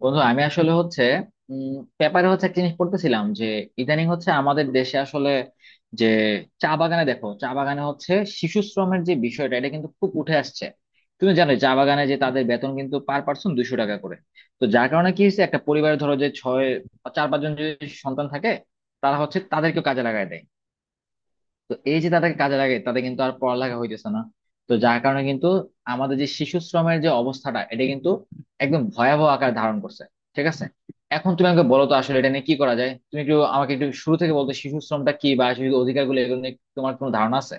বন্ধু, আমি আসলে হচ্ছে উম পেপারে হচ্ছে একটা জিনিস পড়তেছিলাম যে ইদানিং হচ্ছে আমাদের দেশে আসলে যে চা বাগানে, দেখো চা বাগানে হচ্ছে শিশু শ্রমের যে বিষয়টা এটা কিন্তু খুব উঠে আসছে। তুমি জানো, চা বাগানে যে তাদের বেতন কিন্তু পার পার্সন 200 টাকা করে। তো যার কারণে কি হচ্ছে, একটা পরিবারে ধরো যে চার পাঁচজন যদি সন্তান থাকে, তারা হচ্ছে তাদেরকেও কাজে লাগায় দেয়। তো এই যে তাদেরকে কাজে লাগে তাদের কিন্তু আর পড়ালেখা হইতেছে না। তো যার কারণে কিন্তু আমাদের যে শিশু শ্রমের যে অবস্থাটা এটা কিন্তু একদম ভয়াবহ আকার ধারণ করছে। ঠিক আছে, এখন তুমি আমাকে বলো তো আসলে এটা নিয়ে কি করা যায়? তুমি একটু আমাকে একটু শুরু থেকে বলতো, শিশু শ্রমটা কি বা শিশু অধিকারগুলো এগুলো নিয়ে তোমার কোনো ধারণা আছে?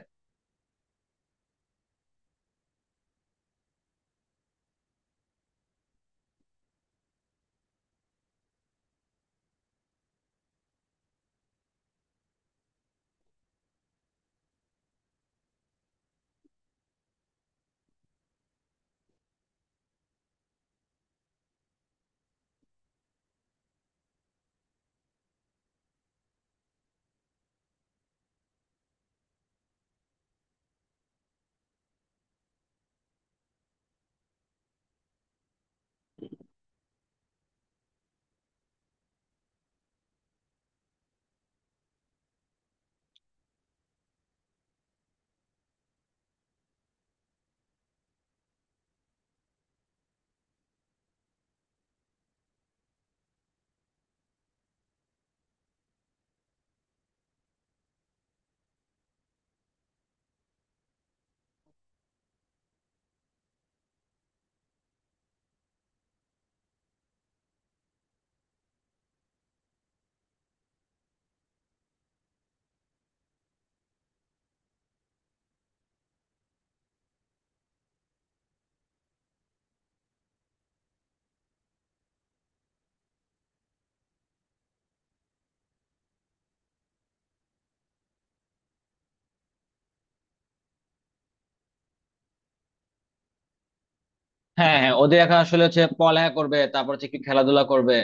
হ্যাঁ হ্যাঁ, ওদের এখন আসলে হচ্ছে পড়ালেখা করবে, তারপর হচ্ছে একটু খেলাধুলা করবে।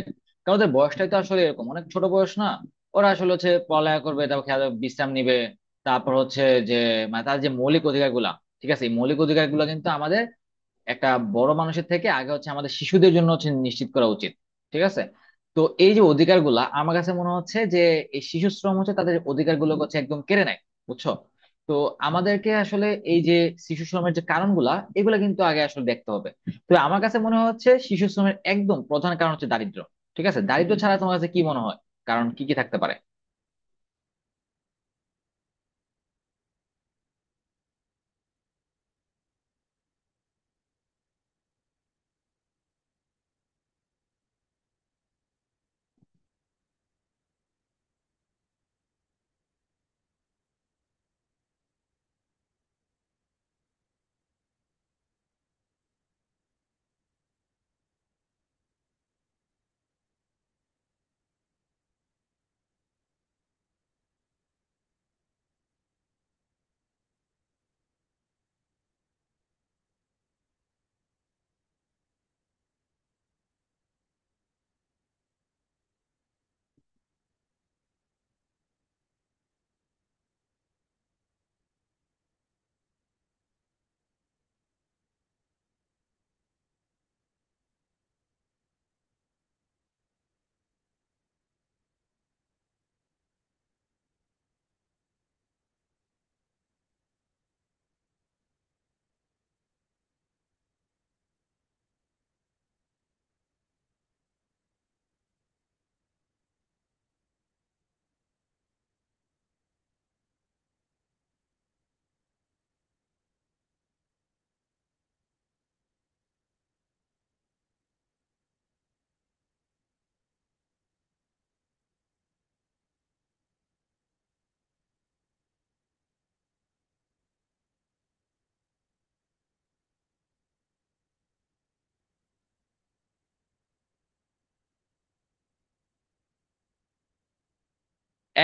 কারণ ওদের বয়সটাই তো আসলে এরকম, অনেক ছোট বয়স না। ওরা আসলে হচ্ছে পড়ালেখা করবে, তারপর খেলা, বিশ্রাম নিবে। তারপর হচ্ছে যে, মানে তার যে মৌলিক অধিকার গুলা, ঠিক আছে, এই মৌলিক অধিকার গুলা কিন্তু আমাদের একটা বড় মানুষের থেকে আগে হচ্ছে আমাদের শিশুদের জন্য হচ্ছে নিশ্চিত করা উচিত। ঠিক আছে, তো এই যে অধিকারগুলা আমার কাছে মনে হচ্ছে যে এই শিশু শ্রম হচ্ছে তাদের অধিকারগুলো হচ্ছে একদম কেড়ে নেয়, বুঝছো? তো আমাদেরকে আসলে এই যে শিশু শ্রমের যে কারণগুলা এগুলা কিন্তু আগে আসলে দেখতে হবে। তো আমার কাছে মনে হচ্ছে শিশু শ্রমের একদম প্রধান কারণ হচ্ছে দারিদ্র। ঠিক আছে, দারিদ্র ছাড়া তোমার কাছে কি মনে হয়, কারণ কি কি থাকতে পারে?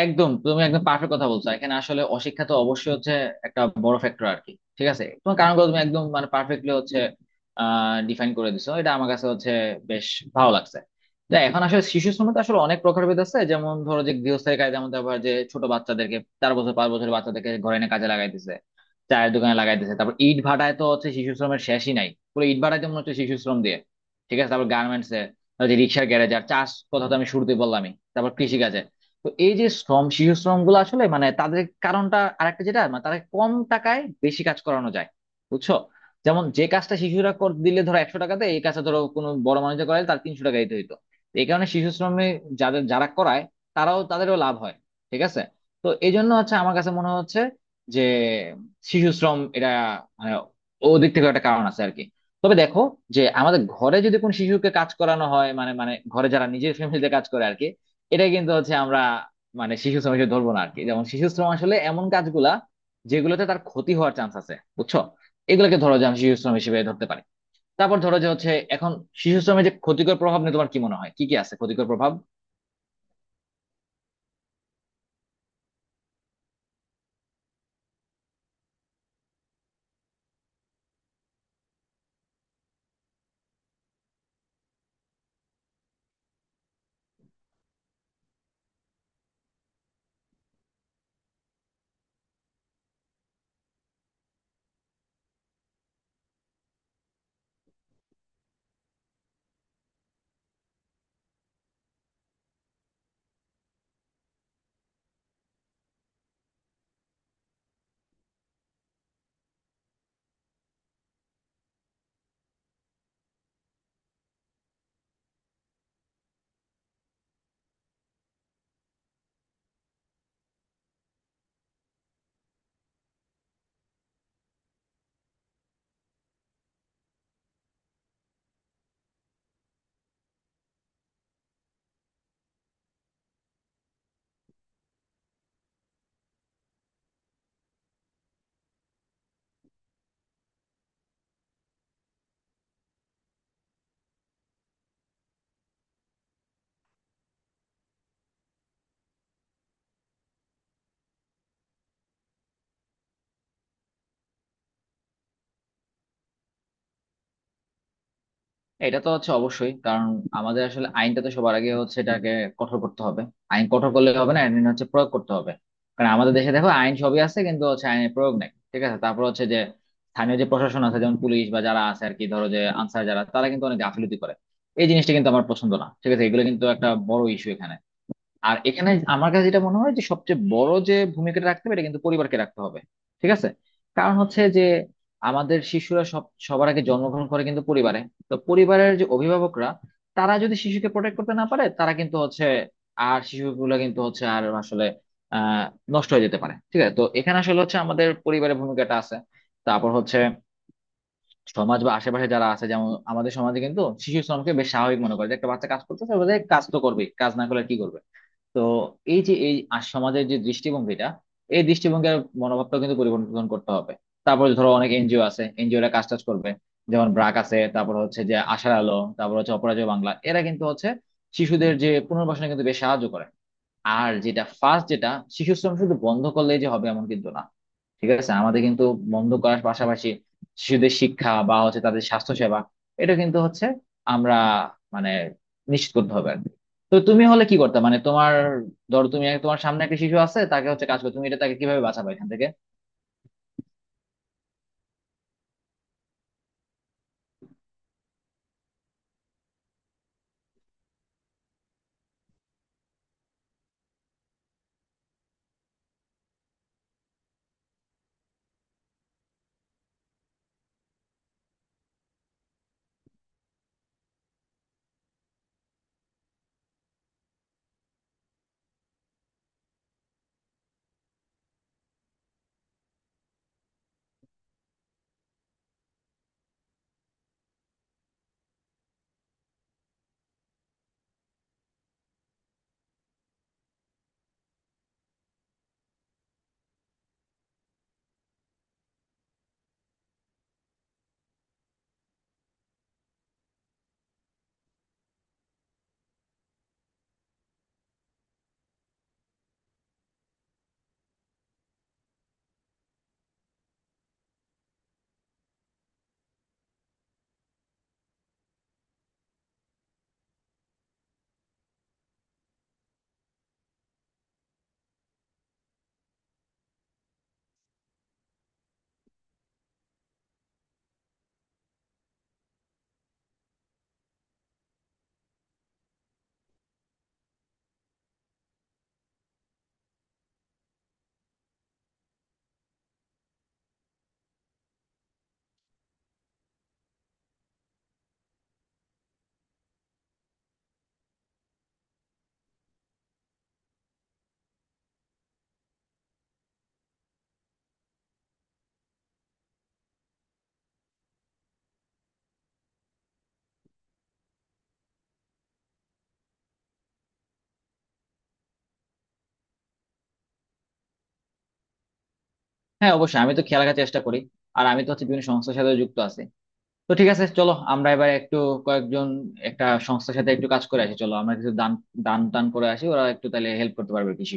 একদম, তুমি একদম পারফেক্ট কথা বলছো। এখানে আসলে অশিক্ষা তো অবশ্যই হচ্ছে একটা বড় ফ্যাক্টর আর কি। ঠিক আছে, তোমার কারণগুলো তুমি একদম মানে পারফেক্টলি হচ্ছে ডিফাইন করে দিছো, এটা আমার কাছে হচ্ছে বেশ ভালো লাগছে। তো এখন আসলে শিশু শ্রমে তো আসলে অনেক প্রকারভেদ আছে, যেমন ধরো যে গৃহস্থের কাজে, যেমন আবার যে ছোট বাচ্চাদেরকে 4 বছর 5 বছরের বাচ্চাদেরকে ঘরে এনে কাজে লাগাইতেছে, চায়ের দোকানে লাগাইতেছে, তারপর ইট ভাটায় তো হচ্ছে শিশু শ্রমের শেষই নাই, পুরো ইট ভাটায় তো মনে হচ্ছে শিশু শ্রম দিয়ে। ঠিক আছে, তারপর গার্মেন্টস এ, তারপর যে রিক্সার গ্যারেজ, আর চাষ কথা তো আমি শুরুতেই বললামই, তারপর কৃষি। তো এই যে শ্রম শিশু শ্রম গুলো আসলে মানে তাদের কারণটা আরেকটা, যেটা মানে তারা কম টাকায় বেশি কাজ করানো যায়, বুঝছো? যেমন যে কাজটা শিশুরা দিলে ধরো 100 টাকাতে, এই কাজটা ধরো কোনো বড় মানুষের করায় তার 300 টাকা দিতে হইতো। তো এই কারণে শিশু শ্রমে যাদের যারা করায় তারাও, তাদেরও লাভ হয়। ঠিক আছে, তো এই জন্য হচ্ছে আমার কাছে মনে হচ্ছে যে শিশু শ্রম এটা মানে ওদিক থেকে একটা কারণ আছে আর কি। তবে দেখো, যে আমাদের ঘরে যদি কোনো শিশুকে কাজ করানো হয় মানে মানে ঘরে যারা নিজের ফ্যামিলিতে কাজ করে আর কি, এটা কিন্তু হচ্ছে আমরা মানে শিশু শ্রম হিসেবে ধরবো না আর কি। যেমন শিশু শ্রম আসলে এমন কাজগুলা যেগুলোতে তার ক্ষতি হওয়ার চান্স আছে, বুঝছো? এগুলোকে ধরো যে আমি শিশু শ্রম হিসেবে ধরতে পারি। তারপর ধরো যে হচ্ছে, এখন শিশু শ্রমের যে ক্ষতিকর প্রভাব নিয়ে তোমার কি মনে হয়, কি কি আছে ক্ষতিকর প্রভাব? এটা তো হচ্ছে অবশ্যই কারণ আমাদের আসলে আইনটা তো সবার আগে হচ্ছে এটাকে কঠোর করতে হবে। আইন কঠোর করলে হবে না, আইন হচ্ছে প্রয়োগ করতে হবে। কারণ আমাদের দেশে দেখো আইন সবই আছে কিন্তু হচ্ছে আইনের প্রয়োগ নাই। ঠিক আছে, তারপর হচ্ছে যে স্থানীয় যে প্রশাসন আছে যেমন পুলিশ বা যারা আছে আর কি, ধরো যে আনসার, যারা তারা কিন্তু অনেক গাফিলতি করে। এই জিনিসটা কিন্তু আমার পছন্দ না। ঠিক আছে, এগুলো কিন্তু একটা বড় ইস্যু এখানে। আর এখানে আমার কাছে যেটা মনে হয় যে সবচেয়ে বড় যে ভূমিকাটা রাখতে হবে এটা কিন্তু পরিবারকে রাখতে হবে। ঠিক আছে, কারণ হচ্ছে যে আমাদের শিশুরা সবার আগে জন্মগ্রহণ করে কিন্তু পরিবারে। তো পরিবারের যে অভিভাবকরা তারা যদি শিশুকে প্রোটেক্ট করতে না পারে, তারা কিন্তু হচ্ছে, আর শিশুগুলো কিন্তু হচ্ছে আর আসলে আহ নষ্ট হয়ে যেতে পারে। ঠিক আছে, তো এখানে আসলে হচ্ছে আমাদের পরিবারের ভূমিকাটা আছে। তারপর হচ্ছে সমাজ বা আশেপাশে যারা আছে, যেমন আমাদের সমাজে কিন্তু শিশু শ্রমকে বেশ স্বাভাবিক মনে করে, যে একটা বাচ্চা কাজ করতেছে বলে, কাজ তো করবেই, কাজ না করলে আর কি করবে। তো এই যে এই সমাজের যে দৃষ্টিভঙ্গিটা, এই দৃষ্টিভঙ্গির মনোভাবটা কিন্তু পরিবর্তন করতে হবে। তারপর ধরো অনেক এনজিও আছে, এনজিওরা কাজ টাজ করবে, যেমন ব্রাক আছে, তারপর হচ্ছে যে আশার আলো, তারপর হচ্ছে অপরাজেয় বাংলা, এরা কিন্তু হচ্ছে শিশুদের যে পুনর্বাসনে কিন্তু বেশ সাহায্য করে। আর যেটা ফার্স্ট যেটা, শিশু শ্রম শুধু বন্ধ করলেই যে হবে এমন কিন্তু না। ঠিক আছে, আমাদের কিন্তু বন্ধ করার পাশাপাশি শিশুদের শিক্ষা বা হচ্ছে তাদের স্বাস্থ্য সেবা এটা কিন্তু হচ্ছে আমরা মানে নিশ্চিত করতে হবে আর কি। তো তুমি হলে কি করতে মানে তোমার, ধরো তুমি তোমার সামনে একটা শিশু আছে তাকে হচ্ছে কাজ করো, তুমি এটা তাকে কিভাবে বাঁচাবে এখান থেকে? হ্যাঁ অবশ্যই, আমি তো খেয়াল রাখার চেষ্টা করি। আর আমি তো হচ্ছে বিভিন্ন সংস্থার সাথে যুক্ত আছি। তো ঠিক আছে, চলো আমরা এবার একটু কয়েকজন, একটা সংস্থার সাথে একটু কাজ করে আসি। চলো আমরা কিছু দান দান টান করে আসি, ওরা একটু তাহলে হেল্প করতে পারবে। কৃষি